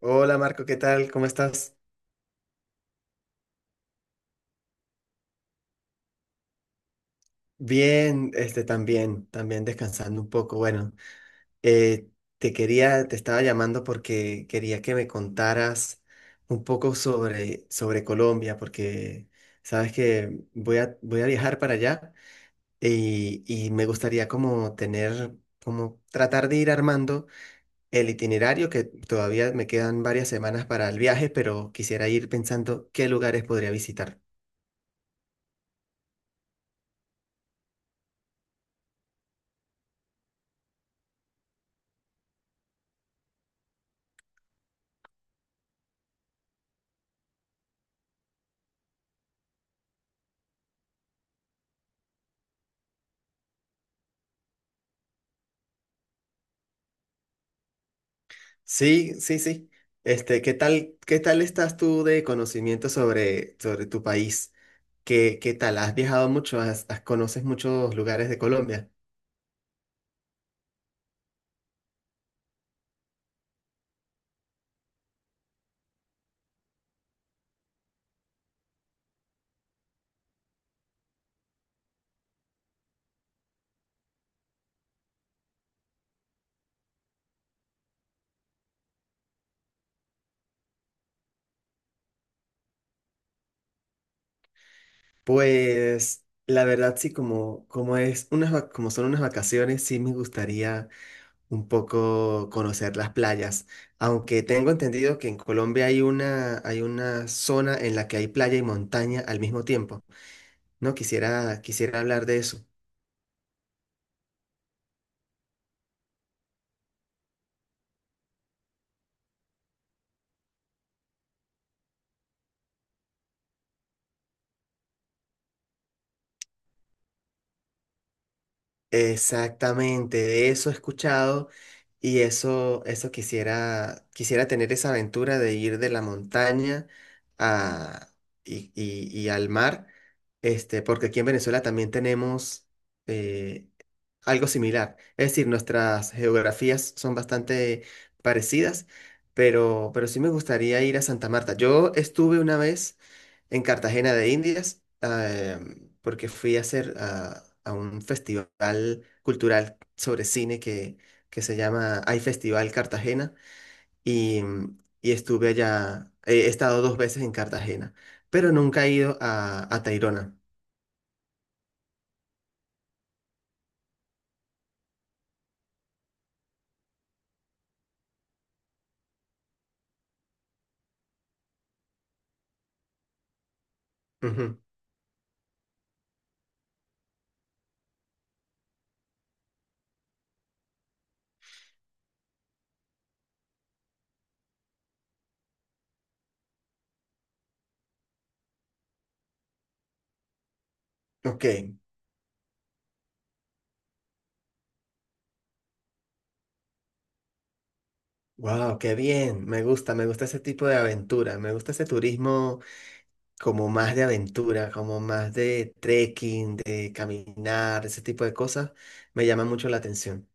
Hola Marco, ¿qué tal? ¿Cómo estás? Bien, también, descansando un poco. Bueno, eh, te estaba llamando porque quería que me contaras un poco sobre Colombia, porque sabes que voy a viajar para allá y me gustaría como tener, como tratar de ir armando el itinerario, que todavía me quedan varias semanas para el viaje, pero quisiera ir pensando qué lugares podría visitar. Sí, sí, sí. Qué tal estás tú de conocimiento sobre tu país? ¿Qué, qué tal? ¿Has viajado mucho? ¿ Conoces muchos lugares de Colombia? Pues la verdad sí, como como son unas vacaciones, sí me gustaría un poco conocer las playas. Aunque tengo entendido que en Colombia hay una zona en la que hay playa y montaña al mismo tiempo. No quisiera, quisiera hablar de eso. Exactamente, de eso he escuchado. Y eso quisiera, quisiera tener esa aventura de ir de la montaña a, y al mar, porque aquí en Venezuela también tenemos eh, algo similar. Es decir, nuestras geografías son bastante parecidas, pero sí me gustaría ir a Santa Marta. Yo estuve una vez en Cartagena de Indias, porque fui a a un festival cultural sobre cine que se llama Hay Festival Cartagena y, y estuve allá, he estado dos veces en Cartagena, pero nunca he ido a Tayrona. Ujú. Ok, wow, qué bien, me gusta ese tipo de aventura, me gusta ese turismo como más de aventura, como más de trekking, de caminar, ese tipo de cosas, me llama mucho la atención.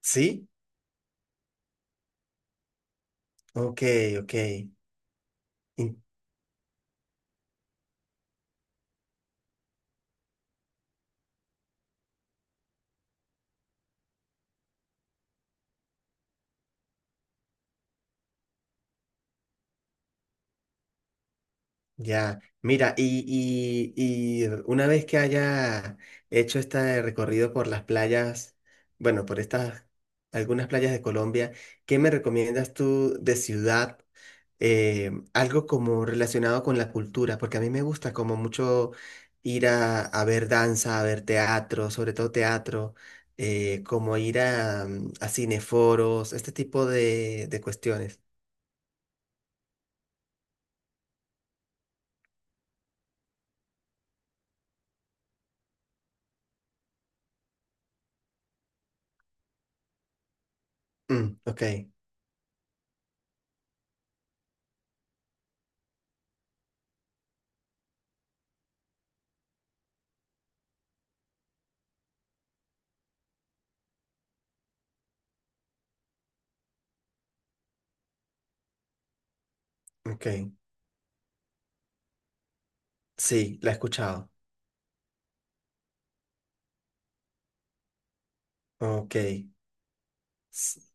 ¿Sí? Ok, ok. Ya, mira, y una vez que haya hecho este recorrido por las playas, bueno, por estas, algunas playas de Colombia, ¿qué me recomiendas tú de ciudad? Algo como relacionado con la cultura, porque a mí me gusta como mucho ir a ver danza, a ver teatro, sobre todo teatro, como ir a cineforos, este tipo de cuestiones. Mm, ok, ok, sí, la he escuchado. Ok, s-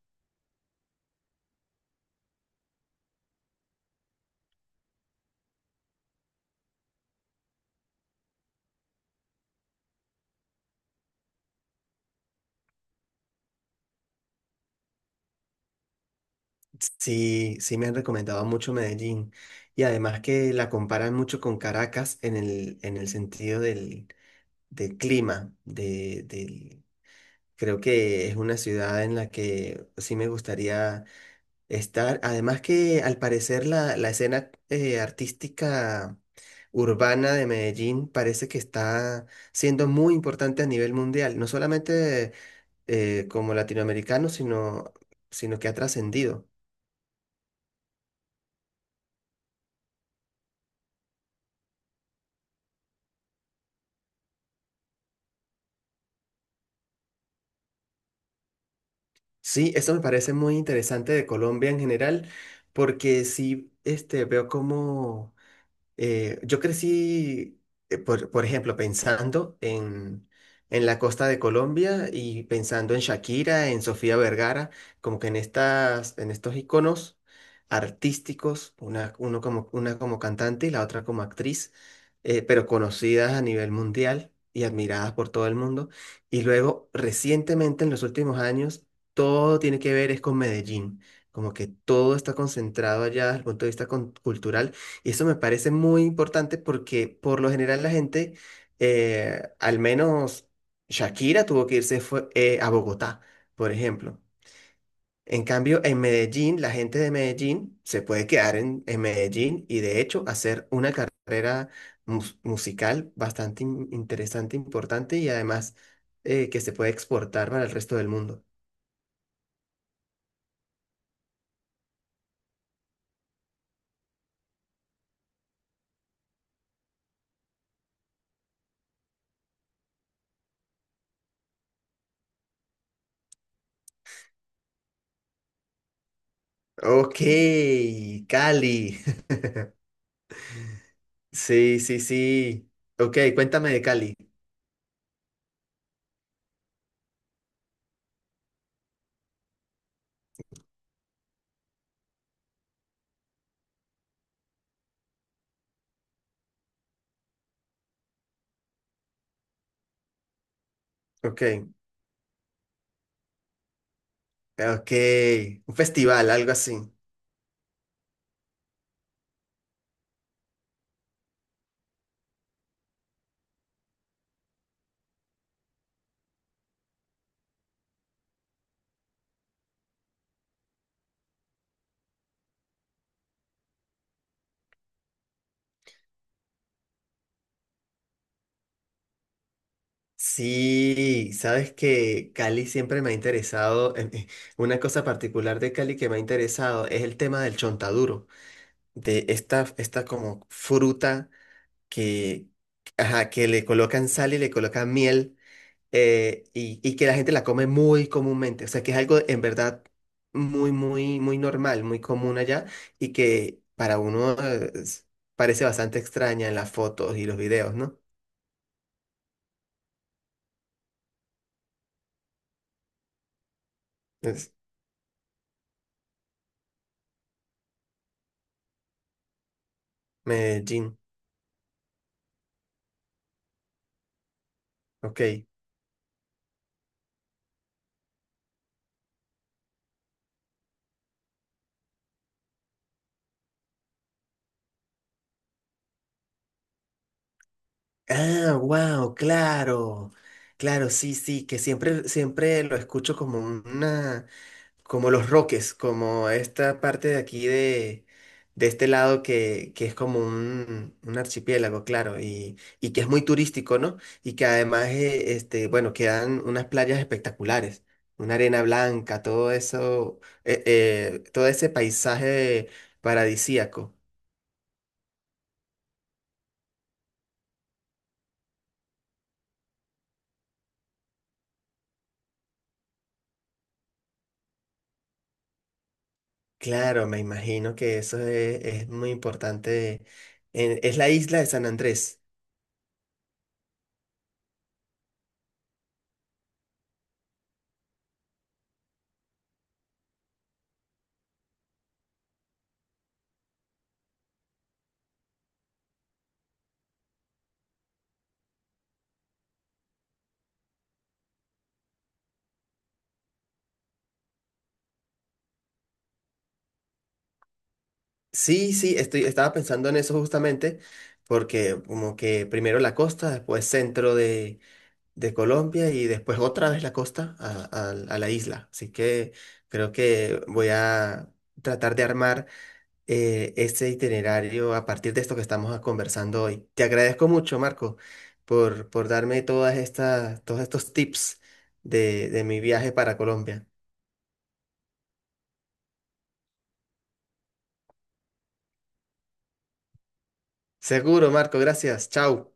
sí, sí me han recomendado mucho Medellín y además que la comparan mucho con Caracas en en el sentido del clima, de, del- creo que es una ciudad en la que sí me gustaría estar, además que al parecer la escena artística urbana de Medellín parece que está siendo muy importante a nivel mundial, no solamente como latinoamericano, sino que ha trascendido. Sí, eso me parece muy interesante de Colombia en general, porque sí, veo cómo yo crecí, por ejemplo, pensando en la costa de Colombia y pensando en Shakira, en Sofía Vergara, como que en estas, en estos iconos artísticos, uno como, una como cantante y la otra como actriz, pero conocidas a nivel mundial y admiradas por todo el mundo. Y luego, recientemente, en los últimos años, todo tiene que ver es con Medellín. Como que todo está concentrado allá desde el punto de vista cultural y eso me parece muy importante porque por lo general la gente, al menos Shakira tuvo que irse a Bogotá, por ejemplo. En cambio, en Medellín, la gente de Medellín se puede quedar en Medellín y de hecho hacer una carrera musical bastante interesante, importante y además que se puede exportar para el resto del mundo. Ok, Cali. Sí, sí, sí. Ok, cuéntame de Cali. Ok. Ok, un festival, algo así. Sí, sabes que Cali siempre me ha interesado, una cosa particular de Cali que me ha interesado es el tema del chontaduro, de esta, esta como fruta que, ajá, que le colocan sal y le colocan miel. Y que la gente la come muy comúnmente, o sea que es algo en verdad muy, muy, muy normal, muy común allá y que para uno parece bastante extraña en las fotos y los videos, ¿no? Es Medellín, ok. Ah, wow, claro. Claro, sí, sí, que siempre, siempre lo escucho como una, como los roques, como esta parte de aquí de este lado que es como un archipiélago, claro, y que es muy turístico, ¿no? Y que además, bueno, quedan unas playas espectaculares, una arena blanca, todo eso, todo ese paisaje paradisíaco. Claro, me imagino que eso es muy importante. Es la isla de San Andrés. Sí, sí, estaba pensando en eso justamente, porque como que primero la costa, después centro de Colombia y después otra vez la costa a la isla. Así que creo que voy a tratar de armar. Este itinerario a partir de esto que estamos conversando hoy. Te agradezco mucho, Marco, por darme todas estas, todos estos tips de mi viaje para Colombia. Seguro, Marco, gracias. Chao.